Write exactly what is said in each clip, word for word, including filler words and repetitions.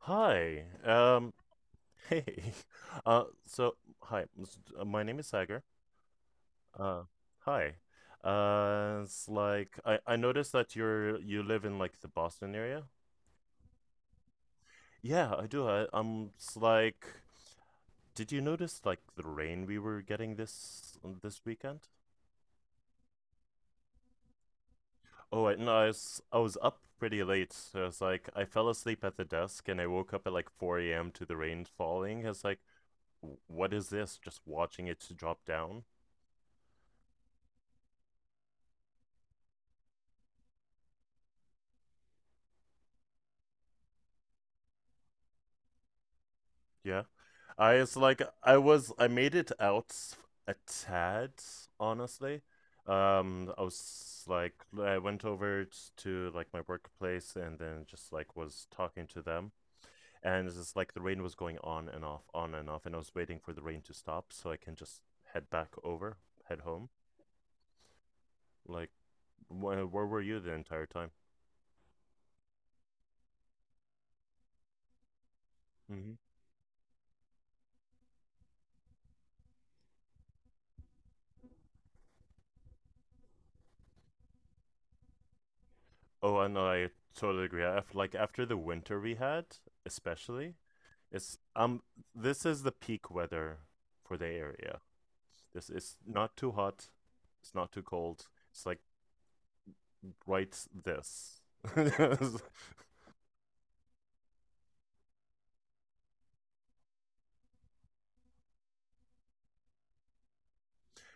Hi. Um, hey. Uh, so, hi. s- uh, My name is Sagar. Uh, hi. Uh, it's like I I noticed that you're you live in like the Boston area. Yeah, I do. I, I'm. It's like, did you notice like the rain we were getting this uh, this weekend? Oh, I, no, I was I was up pretty late. So it's like I fell asleep at the desk and I woke up at like four a m to the rain falling. It's like, "W- what is this?" Just watching it to drop down. Yeah. I was like I was I made it out a tad, honestly. Um I was like I went over to like my workplace and then just like was talking to them, and it's just like the rain was going on and off, on and off, and I was waiting for the rain to stop so I can just head back over, head home. Like wh where were you the entire time? hmm Oh, I know, I totally agree. After, like after the winter we had, especially. It's um This is the peak weather for the area. This is not too hot, it's not too cold. It's like right this.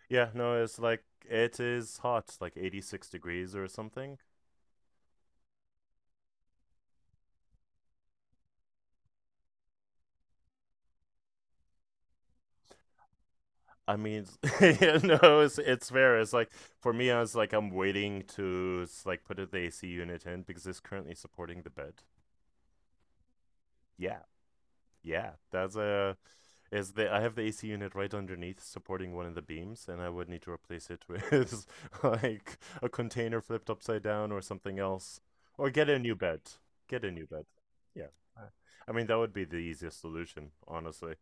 Yeah, no, it's like it is hot, like eighty-six degrees or something. I mean, yeah. No, it's it's fair. It's like for me, I was like I'm waiting to s- like put the A C unit in because it's currently supporting the bed. Yeah. Yeah, that's a is the I have the A C unit right underneath supporting one of the beams, and I would need to replace it with like a container flipped upside down or something else, or get a new bed. Get a new bed. Yeah. Uh, I mean, that would be the easiest solution, honestly.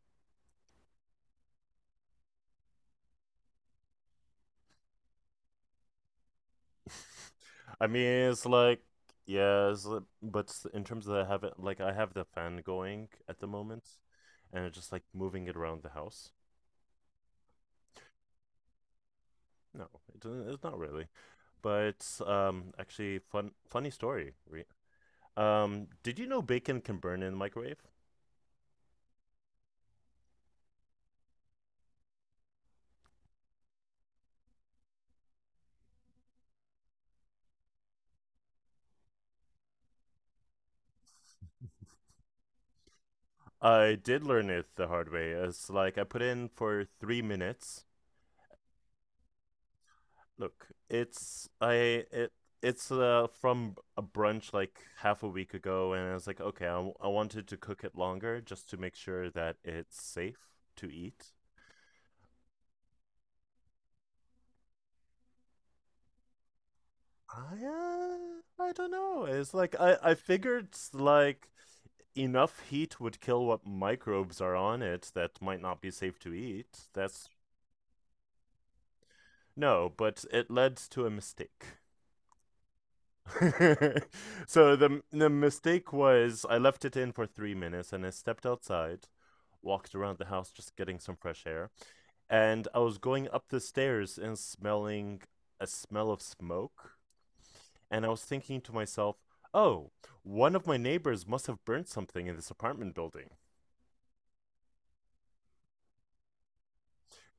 I mean, it's like yeah, it's like- but s- in terms of I have it like I have the fan going at the moment, and it's just like moving it around the house. No, it, doesn't- it's not really. But um, actually, fun funny story. Re- Um, did you know bacon can burn in the microwave? I did learn it the hard way. It's like I put in for three minutes. Look, it's I it it's uh from a brunch like half a week ago, and I was like, okay, I I wanted to cook it longer just to make sure that it's safe to eat. I uh, I don't know. It's like I I figured like enough heat would kill what microbes are on it that might not be safe to eat. That's No, but it led to a mistake. So the the mistake was I left it in for three minutes and I stepped outside, walked around the house just getting some fresh air, and I was going up the stairs and smelling a smell of smoke, and I was thinking to myself, "Oh, one of my neighbors must have burnt something in this apartment building."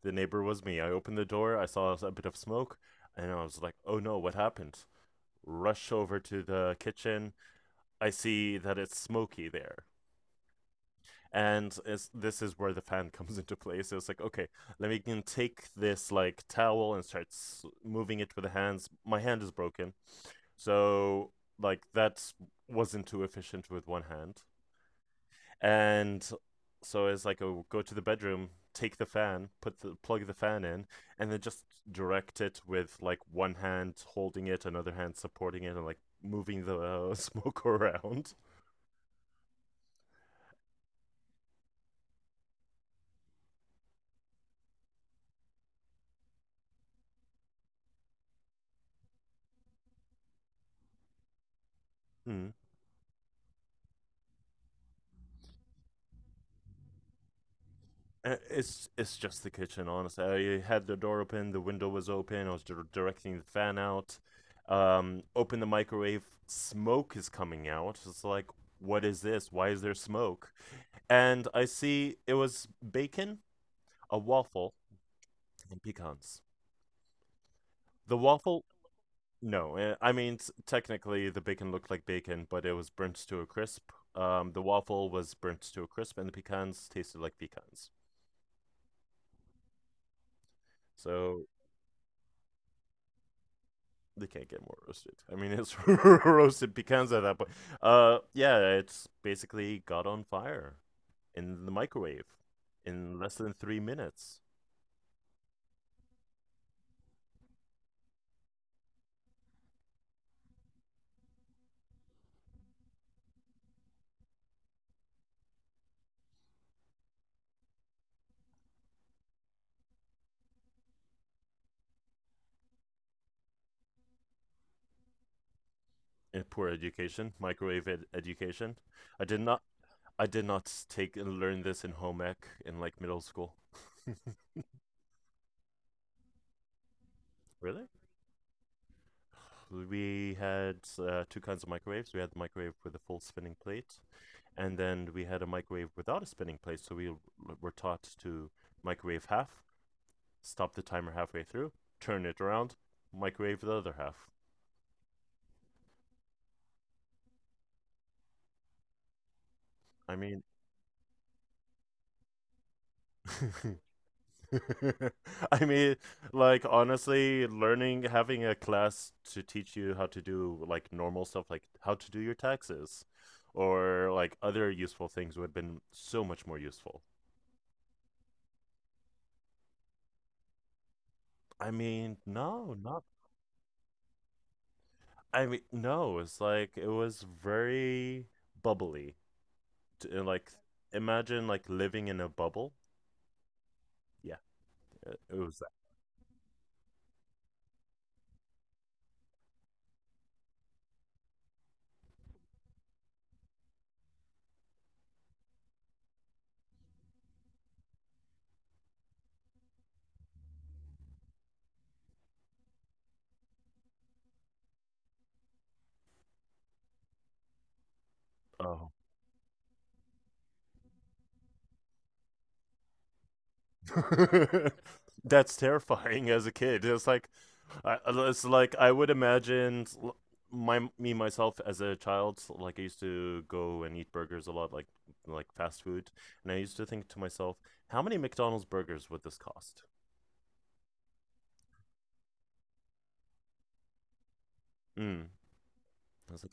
The neighbor was me. I opened the door, I saw a bit of smoke, and I was like, oh no, what happened? Rush over to the kitchen. I see that it's smoky there. And it's, this is where the fan comes into play. So it's like, okay, let me can take this like towel and start moving it with the hands. My hand is broken. So, like, that wasn't too efficient with one hand. And so it's like, oh, go to the bedroom, take the fan, put the plug the fan in, and then just direct it with like one hand holding it, another hand supporting it, and like moving the uh, smoke around. mm. Uh, it's it's just the kitchen, honestly. I had the door open, the window was open, I was dir- directing the fan out. Um open the microwave, smoke is coming out. It's like, what is this, why is there smoke? And I see it was bacon, a waffle, and pecans. The waffle, no. eh, I mean, s- technically, the bacon looked like bacon, but it was burnt to a crisp. Um, the waffle was burnt to a crisp, and the pecans tasted like pecans. So they can't get more roasted. I mean, it's roasted pecans at that point. Uh, yeah, it's basically got on fire in the microwave in less than three minutes. Eh, poor education, microwave ed education. I did not, I did not take and learn this in home ec in like middle school. Really? We had uh, two kinds of microwaves. We had the microwave with a full spinning plate, and then we had a microwave without a spinning plate. So we were taught to microwave half, stop the timer halfway through, turn it around, microwave the other half. I mean, I mean, like honestly, learning having a class to teach you how to do like normal stuff, like how to do your taxes, or like other useful things would have been so much more useful. I mean, no, no. I mean, no, it's like it was very bubbly. T- and, Like, imagine like living in a bubble. Yeah, it, it was that. Oh, that's terrifying as a kid. It's like, I, it's like I would imagine l- my me myself as a child. Like I used to go and eat burgers a lot, like like fast food, and I used to think to myself, how many McDonald's burgers would this cost? Mm. I was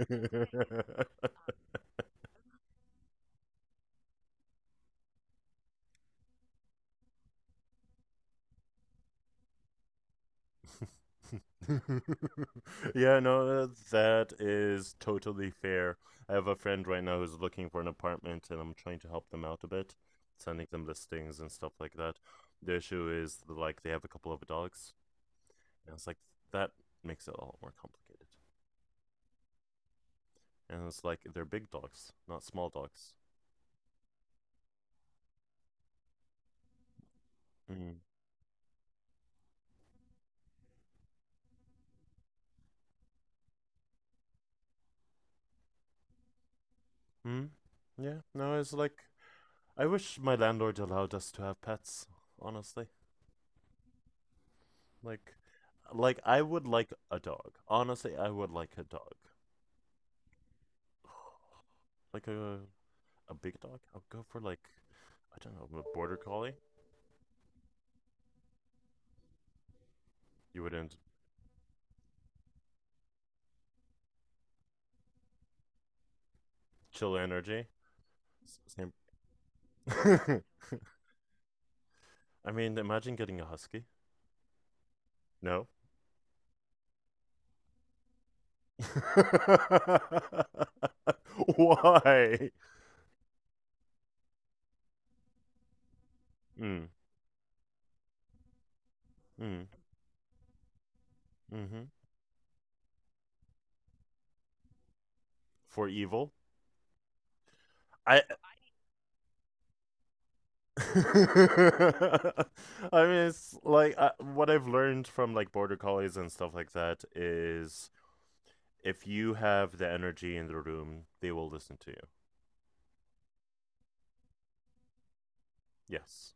like, yeah, no, that is totally fair. I have a friend right now who's looking for an apartment, and I'm trying to help them out a bit, sending them listings and stuff like that. The issue is like they have a couple of dogs, and it's like that makes it a lot more complicated. And it's like they're big dogs, not small dogs. Mm. Hmm. Yeah. No, it's like I wish my landlord allowed us to have pets. Honestly. Like, like I would like a dog. Honestly, I would like a dog. Like a a big dog. I'll go for like I don't know, a border collie. You wouldn't chill energy. S- Same. I mean, imagine getting a husky. No. Why? Mm, mm, mm-hmm. For evil. I I mean, it's like I, what I've learned from like border collies and stuff like that is if you have the energy in the room, they will listen to you. Yes.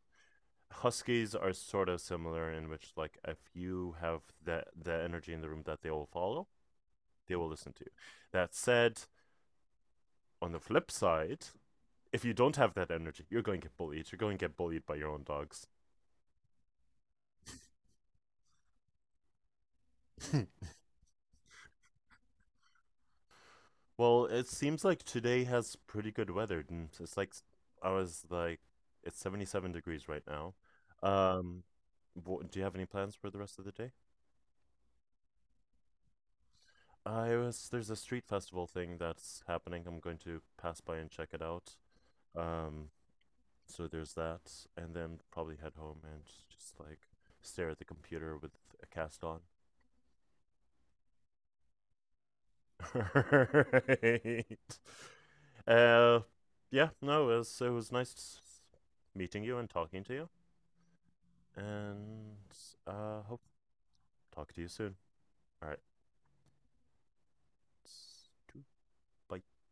Huskies are sort of similar in which, like, if you have the, the energy in the room that they will follow, they will listen to you. That said, on the flip side, if you don't have that energy, you're going to get bullied. You're going to get bullied by your own dogs. Well, it seems like today has pretty good weather. And It's like I was like, it's seventy-seven degrees right now. Um, do you have any plans for the rest of the day? I was There's a street festival thing that's happening. I'm going to pass by and check it out. Um, so there's that, and then probably head home and just like stare at the computer with a cast on. Right. Uh, yeah, no, it was it was nice meeting you and talking to you, and uh, hope talk to you soon. All right, bye.